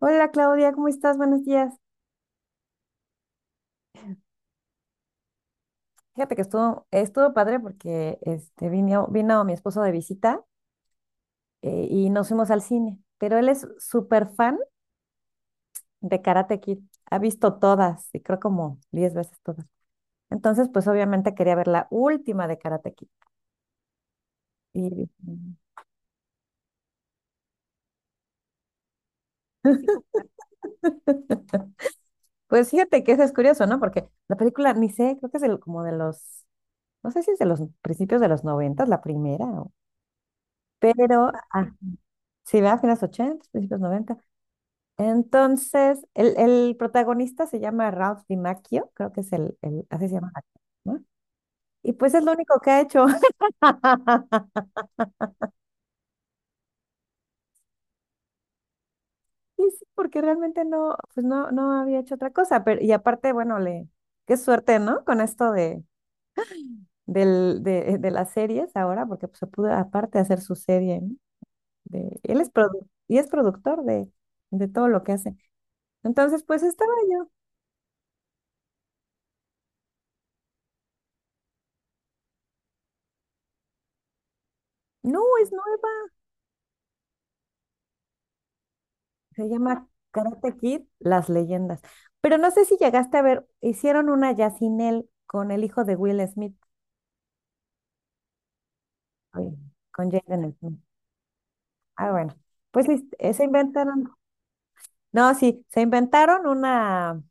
Hola Claudia, ¿cómo estás? Buenos días. Fíjate que estuvo padre porque vino mi esposo de visita, y nos fuimos al cine, pero él es súper fan de Karate Kid. Ha visto todas y creo como 10 veces todas. Entonces, pues obviamente quería ver la última de Karate Kid. Y dije, pues fíjate que eso es curioso, ¿no? Porque la película, ni sé, creo que es el- como de los, no sé si es de los principios de los noventas, la primera, pero sí, va a finales 80, principios 90. Entonces, el protagonista se llama Ralph DiMacchio, creo que así se llama, el actor, ¿no? Y pues es lo único que ha hecho. Y sí, porque realmente no había hecho otra cosa. Pero, y aparte, bueno, qué suerte, ¿no? Con esto de las series ahora, porque pues, se pudo aparte hacer su serie, ¿no? De, él es produ- y es productor de todo lo que hace. Entonces, pues estaba yo, no, es nueva. Se llama Karate Kid, Las Leyendas. Pero no sé si llegaste a ver, hicieron una ya sin él con el hijo de Will Smith, con Jaden Smith. Ah, bueno. Pues no, sí, se inventaron una,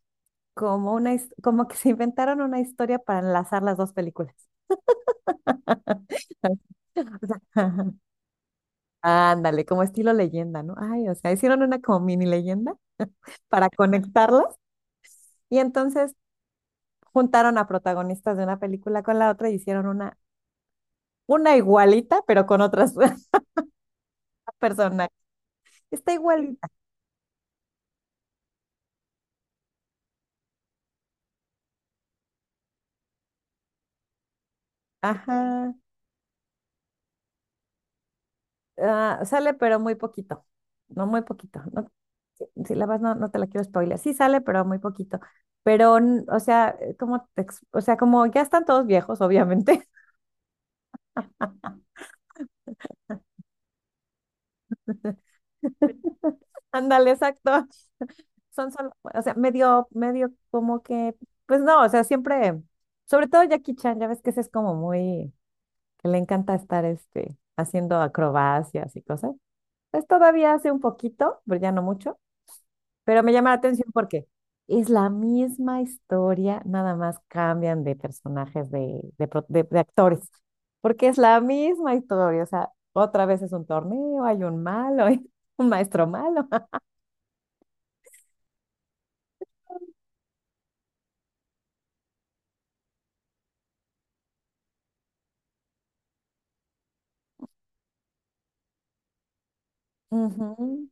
como que se inventaron una historia para enlazar las dos películas. Ándale, como estilo leyenda, ¿no? Ay, o sea, hicieron una como mini leyenda para conectarlas y entonces juntaron a protagonistas de una película con la otra y hicieron una igualita, pero con otras personas. Está igualita. Ajá. Ah, sale, pero muy poquito. No, muy poquito. No, si la vas, no te la quiero spoiler. Sí sale, pero muy poquito. Pero, o sea, o sea, como ya están todos viejos, obviamente. Ándale, exacto. Son solo, o sea, medio como que, pues no, o sea, siempre, sobre todo Jackie Chan, ya ves que ese es como muy, que le encanta estar, haciendo acrobacias y cosas. Pues todavía hace un poquito, pero ya no mucho, pero me llama la atención porque es la misma historia, nada más cambian de personajes, de actores, porque es la misma historia, o sea, otra vez es un torneo, hay un malo, un maestro malo. Ujú.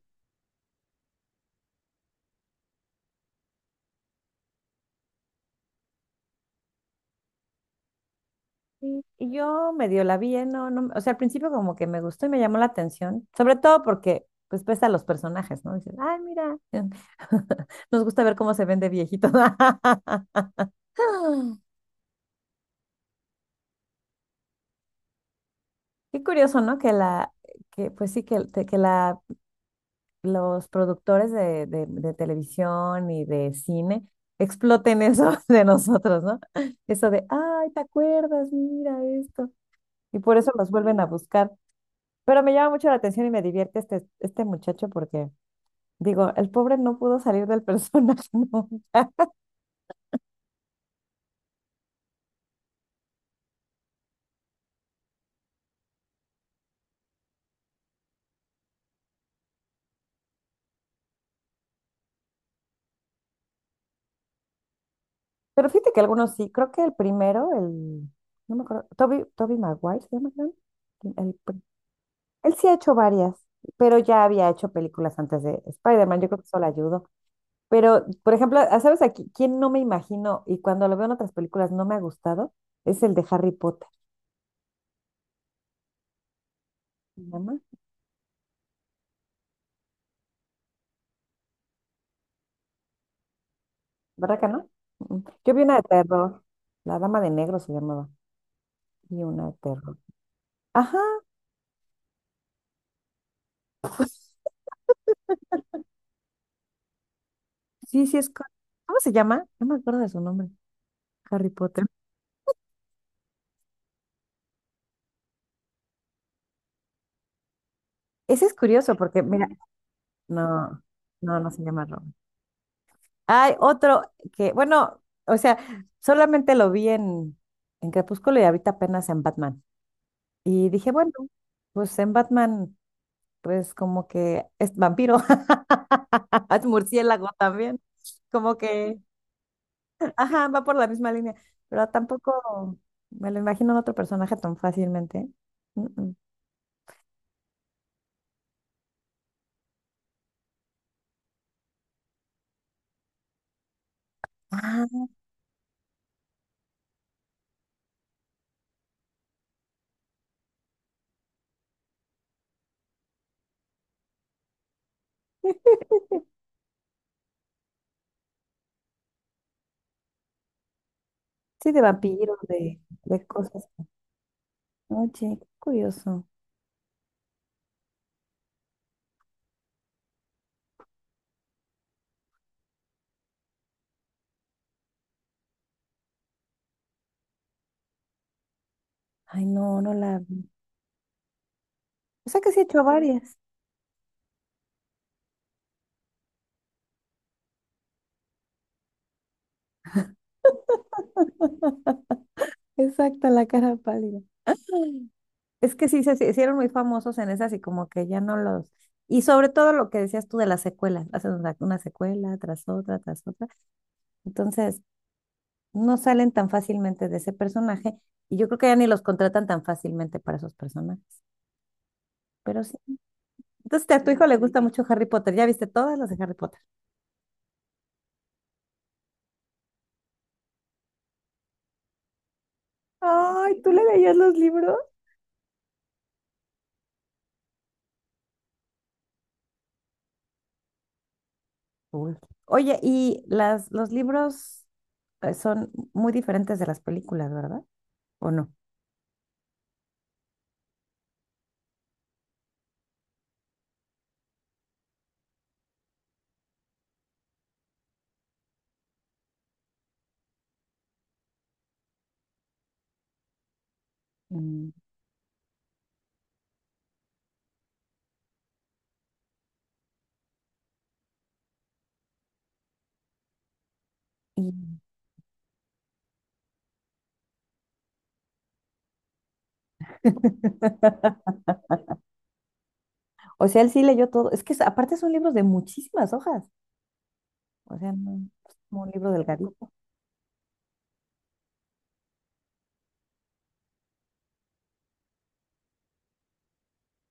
Y yo medio la vi, ¿eh? No, no, o sea, al principio como que me gustó y me llamó la atención, sobre todo porque pues pesa los personajes, ¿no? Dices, ay, mira, nos gusta ver cómo se ven de viejitos. Qué curioso, ¿no? Pues sí, que, te- que la, los productores de televisión y de cine exploten eso de nosotros, ¿no? Eso de, ay, ¿te acuerdas? Mira esto. Y por eso los vuelven a buscar. Pero me llama mucho la atención y me divierte este muchacho porque, digo, el pobre no pudo salir del personaje nunca. Pero fíjate que algunos sí. Creo que el primero, el, no me acuerdo, Toby Maguire se llama, creo. El, Él sí ha hecho varias, pero ya había hecho películas antes de Spider-Man, yo creo que eso le ayudó. Pero, por ejemplo, ¿sabes aquí quién no me imagino y cuando lo veo en otras películas no me ha gustado? Es el de Harry Potter. ¿Se llama? ¿Verdad que no? Mm, mm. Yo vi una de terror, La Dama de Negro se llamaba, y una de terror. Ajá, sí, sí es. ¿Cómo se llama? No me acuerdo de su nombre, Harry Potter. Ese es curioso porque, mira, no, no, no se llama Ron. Hay otro que, bueno, o sea, solamente lo vi en, Crepúsculo y ahorita apenas en Batman. Y dije, bueno, pues en Batman, pues como que es vampiro, es murciélago también, como que, ajá, va por la misma línea, pero tampoco me lo imagino en otro personaje tan fácilmente. Mm, mm. Ah, sí, de vampiros, de cosas. Oye, qué curioso. Ay, no, no la vi. O sea que sí he hecho varias. Exacto, la cara pálida. Mm. Es que sí, se hicieron muy famosos en esas y como que ya no los... Y sobre todo lo que decías tú de las secuelas, hacen una secuela tras otra, tras otra. Entonces, no salen tan fácilmente de ese personaje y yo creo que ya ni los contratan tan fácilmente para esos personajes. Pero sí. Entonces, a tu hijo le gusta mucho Harry Potter. ¿Ya viste todas las de Harry Potter? Ay, ¿tú le leías los libros? Uy. Oye, y los libros son muy diferentes de las películas, ¿verdad? ¿O no? Y... O sea, él sí leyó todo. Es que aparte son libros de muchísimas hojas. O sea, no es como un libro delgadito.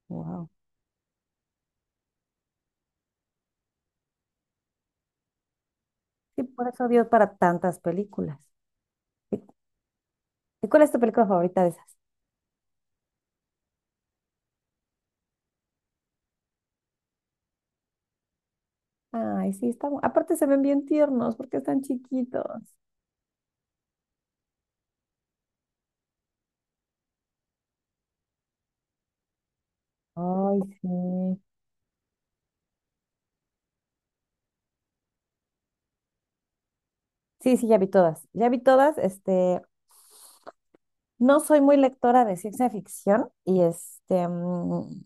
Wow. Sí, por eso dio para tantas películas. ¿Y y cuál es tu película favorita de esas? Ay, sí, aparte se ven bien tiernos porque están chiquitos. Ay, sí. Sí, sí, ya vi todas. Ya vi todas. No soy muy lectora de ciencia ficción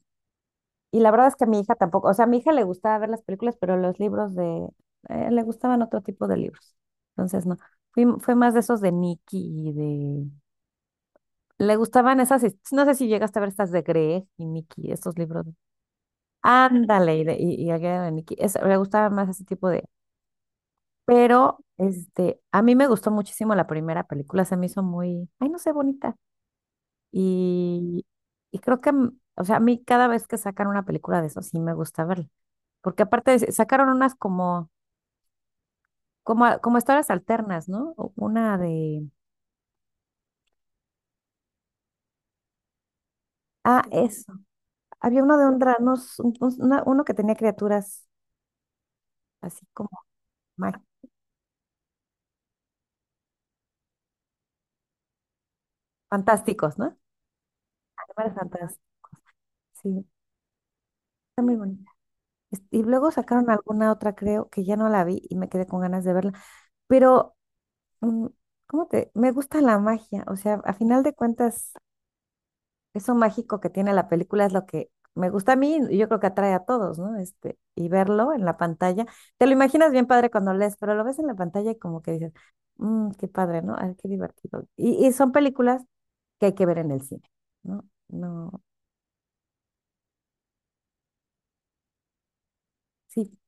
Y la verdad es que a mi hija tampoco, o sea, a mi hija le gustaba ver las películas, pero los libros le gustaban otro tipo de libros. Entonces, no, fue más de esos de Nicky y de... Le gustaban no sé si llegaste a ver estas de Greg y Nicky, estos libros. Ándale, y aquella de Nicky, le gustaba más ese tipo de... Pero, a mí me gustó muchísimo la primera película, se me hizo muy, ay, no sé, bonita. Y, y creo que, o sea, a mí cada vez que sacan una película de eso, sí me gusta verla. Porque aparte sacaron unas como, como historias alternas, ¿no? Una de... Ah, eso. Había uno de uno que tenía criaturas así como mag- fantásticos, ¿no? Animales fantásticos. Sí, está muy bonita. Y luego sacaron alguna otra, creo, que ya no la vi y me quedé con ganas de verla. Pero, mm, ¿cómo te? Me gusta la magia. O sea, a final de cuentas eso mágico que tiene la película es lo que me gusta a mí y yo creo que atrae a todos, ¿no? Y verlo en la pantalla, te lo imaginas bien padre cuando lees, pero lo ves en la pantalla y como que dices, "Mm, qué padre, ¿no? Ay, qué divertido". Y son películas que hay que ver en el cine, ¿no? No, sí.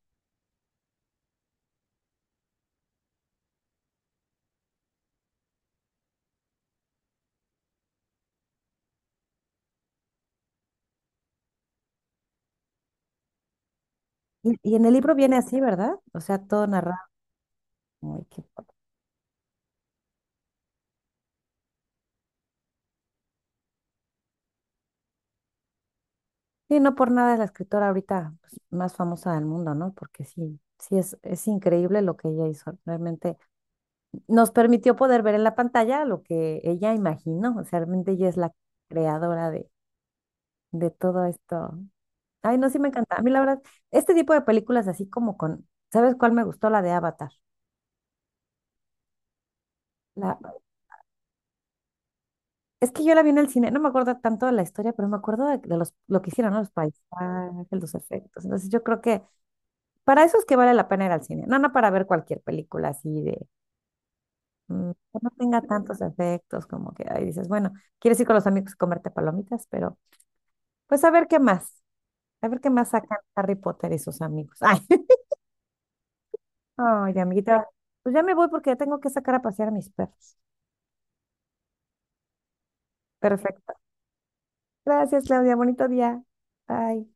Y en el libro viene así, ¿verdad? O sea, todo narrado. Ay, qué padre. Sí, no por nada es la escritora ahorita pues, más famosa del mundo, ¿no? Porque sí, sí es increíble lo que ella hizo. Realmente nos permitió poder ver en la pantalla lo que ella imaginó, o sea, realmente ella es la creadora de todo esto. Ay, no, sí me encanta. A mí la verdad, este tipo de películas así como con, ¿sabes cuál me gustó? La de Avatar. La, es que yo la vi en el cine, no me acuerdo tanto de la historia, pero me acuerdo lo que hicieron, ¿no? Los paisajes, los efectos. Entonces yo creo que para eso es que vale la pena ir al cine, no, para ver cualquier película así que no tenga tantos efectos, como que ahí dices, bueno, quieres ir con los amigos a comerte palomitas, pero pues a ver qué más. A ver qué más sacan Harry Potter y sus amigos. Ay, ay, amiguita. Pues ya me voy porque ya tengo que sacar a pasear a mis perros. Perfecto. Gracias, Claudia. Bonito día. Bye.